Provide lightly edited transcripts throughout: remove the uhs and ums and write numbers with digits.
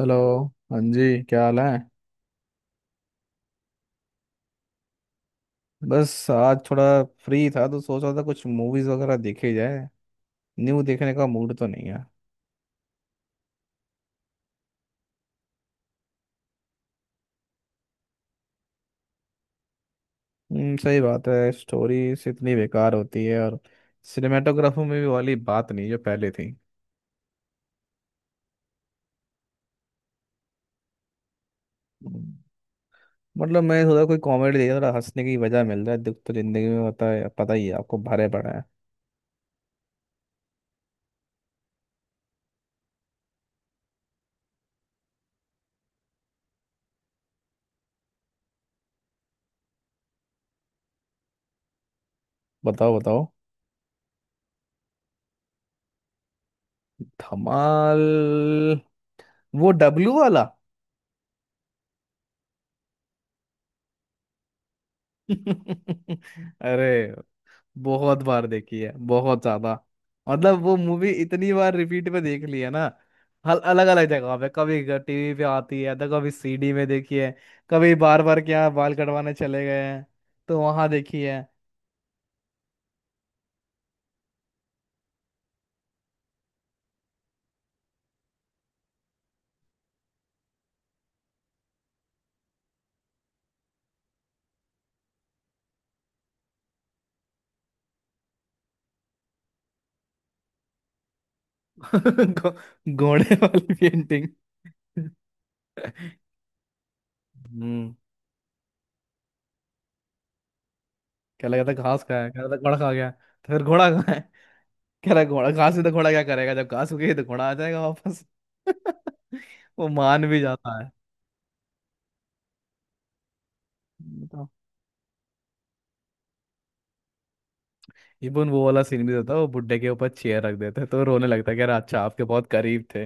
Hello. हाँ जी, क्या हाल है? बस आज थोड़ा फ्री था तो सोच रहा था कुछ मूवीज वगैरह देखी जाए। न्यू देखने का मूड तो नहीं है। सही बात है। स्टोरीज इतनी बेकार होती है, और सिनेमेटोग्राफी में भी वाली बात नहीं जो पहले थी। हम्म, मतलब मैं थोड़ा कोई कॉमेडी देखा, थोड़ा हंसने की वजह मिल रहा है। दुख तो जिंदगी में होता है, पता ही है आपको, भरे पड़ा है। बताओ बताओ। धमाल। वो डब्लू वाला? अरे, बहुत बार देखी है, बहुत ज्यादा। मतलब वो मूवी इतनी बार रिपीट पे देख ली है ना। हल अलग अलग जगह पे, कभी टीवी पे आती है तो कभी सीडी में देखी है। कभी बार बार क्या बाल कटवाने चले गए हैं तो वहां देखी है। घो- घोड़े वाली पेंटिंग। हम्म। क्या लगा था घास खाया? क्या लगा था घोड़ा खा गया? तो फिर घोड़ा कहाँ है? कह रहा है, घोड़ा घास से तो घोड़ा क्या करेगा, जब घास उगेगी तो घोड़ा आ जाएगा वापस। वो मान भी जाता है। इवन वो वाला सीन भी होता है, वो बुड्ढे के ऊपर चेयर रख देते हैं, तो रोने लगता है कि अरे, अच्छा आपके बहुत करीब थे,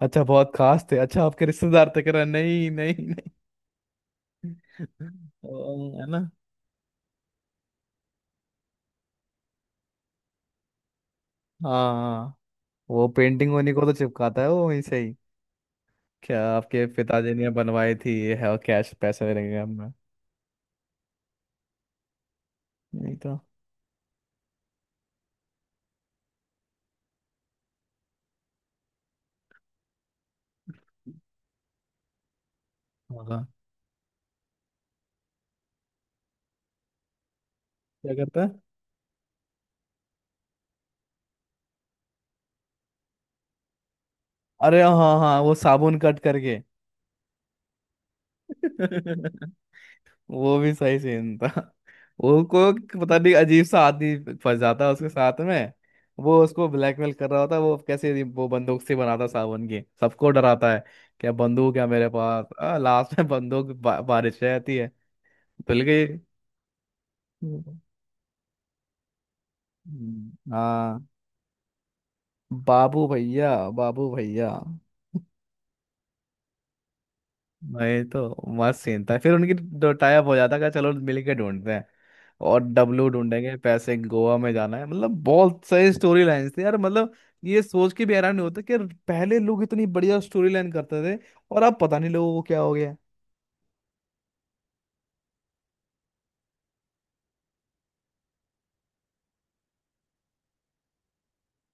अच्छा बहुत खास थे, अच्छा आपके रिश्तेदार थे। कह रहा नहीं नहीं नहीं। ओ, है ना। हाँ। वो पेंटिंग उन्हीं को तो चिपकाता है वो, वहीं से ही, क्या आपके पिताजी ने बनवाई थी ये है, और कैश पैसे मिलेंगे हमें। नहीं तो। हाँ। क्या करता है? अरे हाँ हाँ, वो साबुन कट करके। वो भी सही सीन था। वो को पता नहीं, अजीब सा आदमी, फंस जाता है उसके साथ में। वो उसको ब्लैकमेल कर रहा होता है, वो कैसे, वो बंदूक से बनाता साबुन की, सबको डराता है। क्या बंदूक है मेरे पास? लास्ट में बंदूक बारिश हो जाती है। धुल गई। हम्म। हाँ। बाबू भैया। बाबू भैया। वही तो मस्त सीन था। फिर उनकी दो टाइप हो जाता है, कहा, चलो मिल के ढूंढते हैं और डब्लू ढूंढेंगे, पैसे गोवा में जाना है। मतलब बहुत सही स्टोरी लाइंस थी यार, मतलब ये सोच के भी हैरान नहीं होता कि यार पहले लोग इतनी बढ़िया स्टोरी लाइन करते थे, और अब पता नहीं लोगों को क्या हो गया।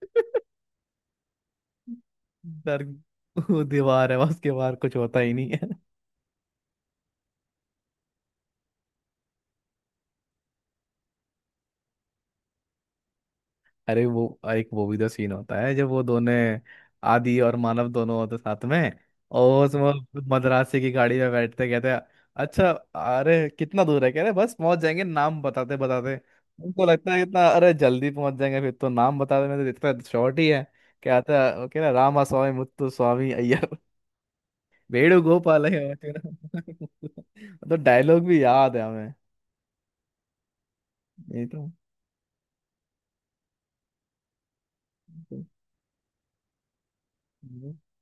डर। वो दीवार है, उसके बाहर कुछ होता ही नहीं है। अरे वो एक वो भी तो सीन होता है, जब वो दोनों, आदि और मानव, दोनों होते साथ में, और उसमें मद्रासी की गाड़ी में बैठते, कहते हैं, अच्छा अरे कितना दूर है? कह रहे बस पहुंच जाएंगे नाम बताते बताते। उनको लगता है इतना, अरे जल्दी पहुंच जाएंगे, फिर तो नाम बताते में तो इतना शॉर्ट ही है। कहता है वो, कह रहा, रामा स्वामी मुत्तु स्वामी अय्यर वेणु गोपाल है। तो डायलॉग भी याद है हमें। ये तो।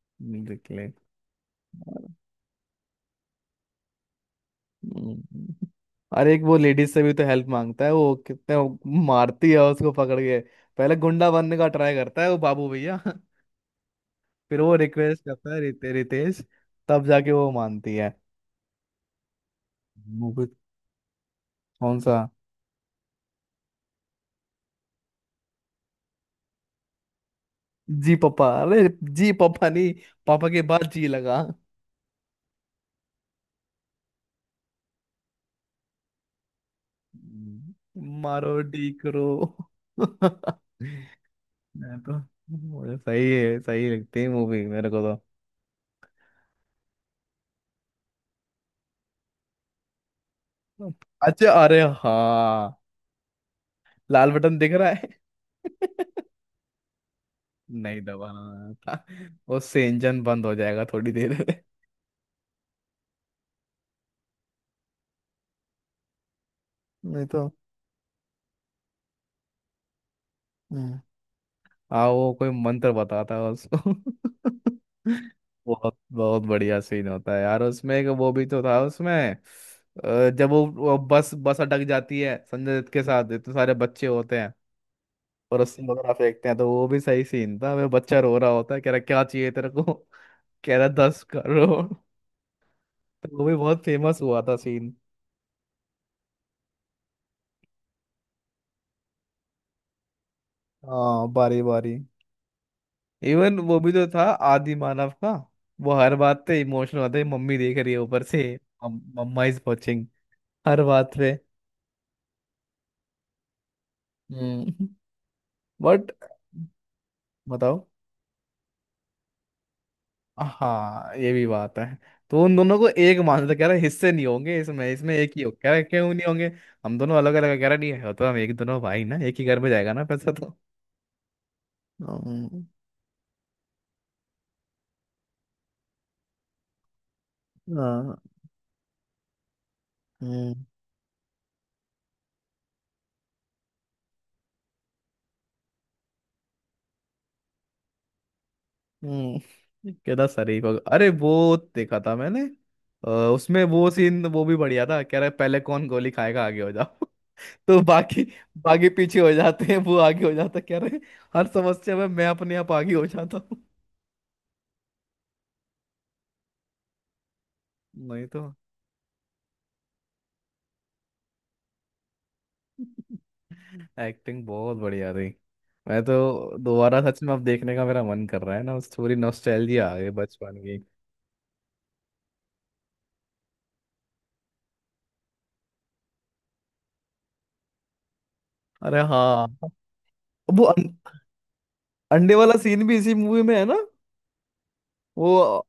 निकले। हम्म। और एक वो लेडीज से भी तो हेल्प मांगता है, वो कितने वो, मारती है उसको पकड़ के। पहले गुंडा बनने का ट्राई करता है वो बाबू भैया, फिर वो रिक्वेस्ट करता है रितेश। तब जाके वो मानती है। मूवी। कौन सा? जी पापा, अरे जी पापा नहीं, पापा के बाद जी लगा। हम्म। मारो डी करो। मैं तो, मुझे सही है, सही लगती है मूवी मेरे को। तो। अच्छा, अरे हाँ। लाल बटन दिख रहा है। नहीं दबाना था। वो से इंजन बंद हो जाएगा थोड़ी देर में। नहीं तो। हम्म। हाँ, वो कोई मंत्र बताता है उसको। बहुत बहुत बढ़िया सीन होता है यार, उसमें एक वो भी तो था उसमें, जब वो बस बस अटक जाती है संजय दत्त के साथ, इतने सारे बच्चे होते हैं और रस्सी वगैरह फेंकते हैं, तो वो भी सही सीन था। वह बच्चा रो रहा होता है, कह रहा क्या चाहिए तेरे को? कह रहा 10 करोड़। तो वो भी बहुत फेमस हुआ था सीन। हाँ बारी बारी। इवन वो भी तो था आदि मानव का। वो हर बात पे इमोशनल होता है, मम्मी देख रही है ऊपर से, मम्मा इज वॉचिंग, हर बात पे। हम्म। बट बताओ। हाँ, ये भी बात है। तो उन दोनों को एक मान, कह रहा है, हिस्से नहीं होंगे, इसमें इसमें एक ही हो, कह रहा है, क्यों नहीं होंगे, हम दोनों अलग अलग, कह रहा नहीं है, तो हम एक, दोनों भाई ना, एक ही घर में जाएगा ना पैसा तो। हम्म, हाँ, हम्म, हम्म। कहता सरी को, अरे वो देखा था मैंने, अ, उसमें वो सीन वो भी बढ़िया था, कह रहा है पहले कौन गोली खाएगा, आगे हो जाओ। तो बाकी, बाकी पीछे हो जाते हैं, वो आगे हो जाता है, कह रहे हर समस्या में मैं अपने आप आगे हो जाता हूँ। नहीं तो। एक्टिंग बहुत बढ़िया थी। मैं तो दोबारा सच में अब देखने का मेरा मन कर रहा है ना उस, थोड़ी नॉस्टैल्जिया आ गई बचपन की। अरे हाँ, वो अंडे वाला सीन भी इसी मूवी में है ना। वो।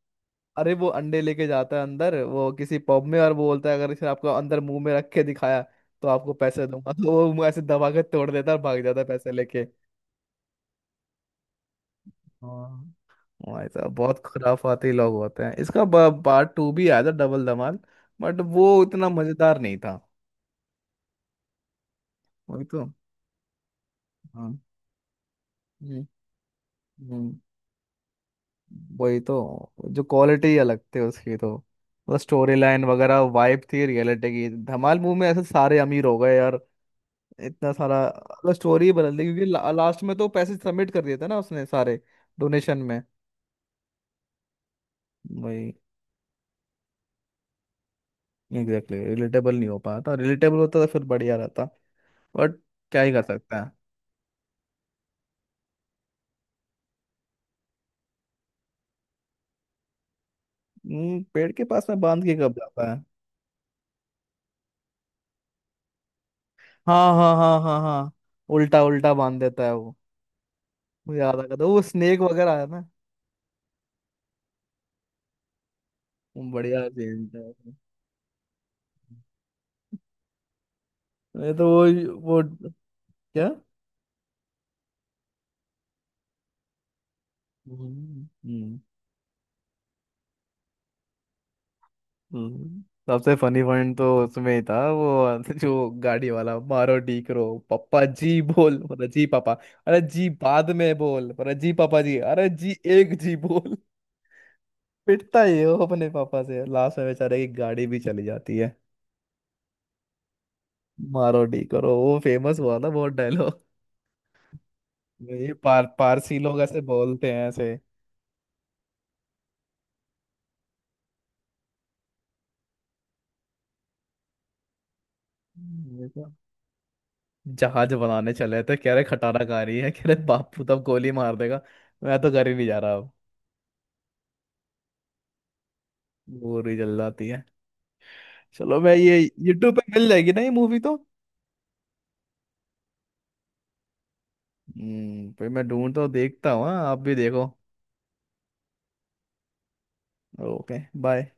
अरे वो अंडे लेके जाता है अंदर वो किसी पब में, और वो बोलता है अगर इसे आपको अंदर मुंह में रख के दिखाया तो आपको पैसे दूंगा। तो वो मुंह ऐसे दबा के तोड़ देता है और भाग जाता है पैसे लेके। हाँ, भाई साहब बहुत खुराफाती लोग होते हैं इसका। पार्ट टू भी आया था, डबल धमाल, बट वो इतना मजेदार नहीं था। वही तो। हाँ। हम्म, हम्म। वही तो, जो क्वालिटी अलग थी उसकी, तो मतलब स्टोरी लाइन वगैरह, वाइब थी रियलिटी की। धमाल मूवी में ऐसे सारे अमीर हो गए यार, इतना सारा, मतलब स्टोरी बदल दी, क्योंकि लास्ट में तो पैसे सबमिट कर दिए थे ना उसने सारे, डोनेशन में। वही। एग्जैक्टली रिलेटेबल नहीं हो पाया था। रिलेटेबल होता तो फिर बढ़िया रहता। बट क्या ही कर सकता है। पेड़ के पास में बांध के कब जाता है? हाँ हाँ हाँ हाँ हाँ। उल्टा उल्टा बांध देता है वो। मुझे याद आ गया था, वो स्नेक वगैरह आया ना। वो बढ़िया सीन था उसमें। ये तो वो, क्या। हम्म। हम्म, सबसे फनी पॉइंट तो उसमें ही था, वो जो गाड़ी वाला, मारो डीक रो, पप्पा जी बोल, मतलब जी पापा, अरे जी बाद में बोल, अरे जी पापा जी, अरे जी एक जी बोल। पिटता ही है वो अपने पापा से, लास्ट में बेचारे की गाड़ी भी चली जाती है। मारो डीक रो वो फेमस हुआ था बहुत डायलॉग। ये पारसी लोग ऐसे बोलते हैं ऐसे। ये तो जहाज बनाने चले थे, कह रहे खटारा खा रही है, कह रहे बापू तब गोली मार देगा, मैं तो घर ही नहीं जा रहा अब। वो रही जल जाती है। चलो, मैं ये यूट्यूब पे मिल जाएगी ना ये मूवी तो। हम्म, फिर मैं ढूंढता हूँ देखता हूँ, हाँ आप भी देखो। Okay bye.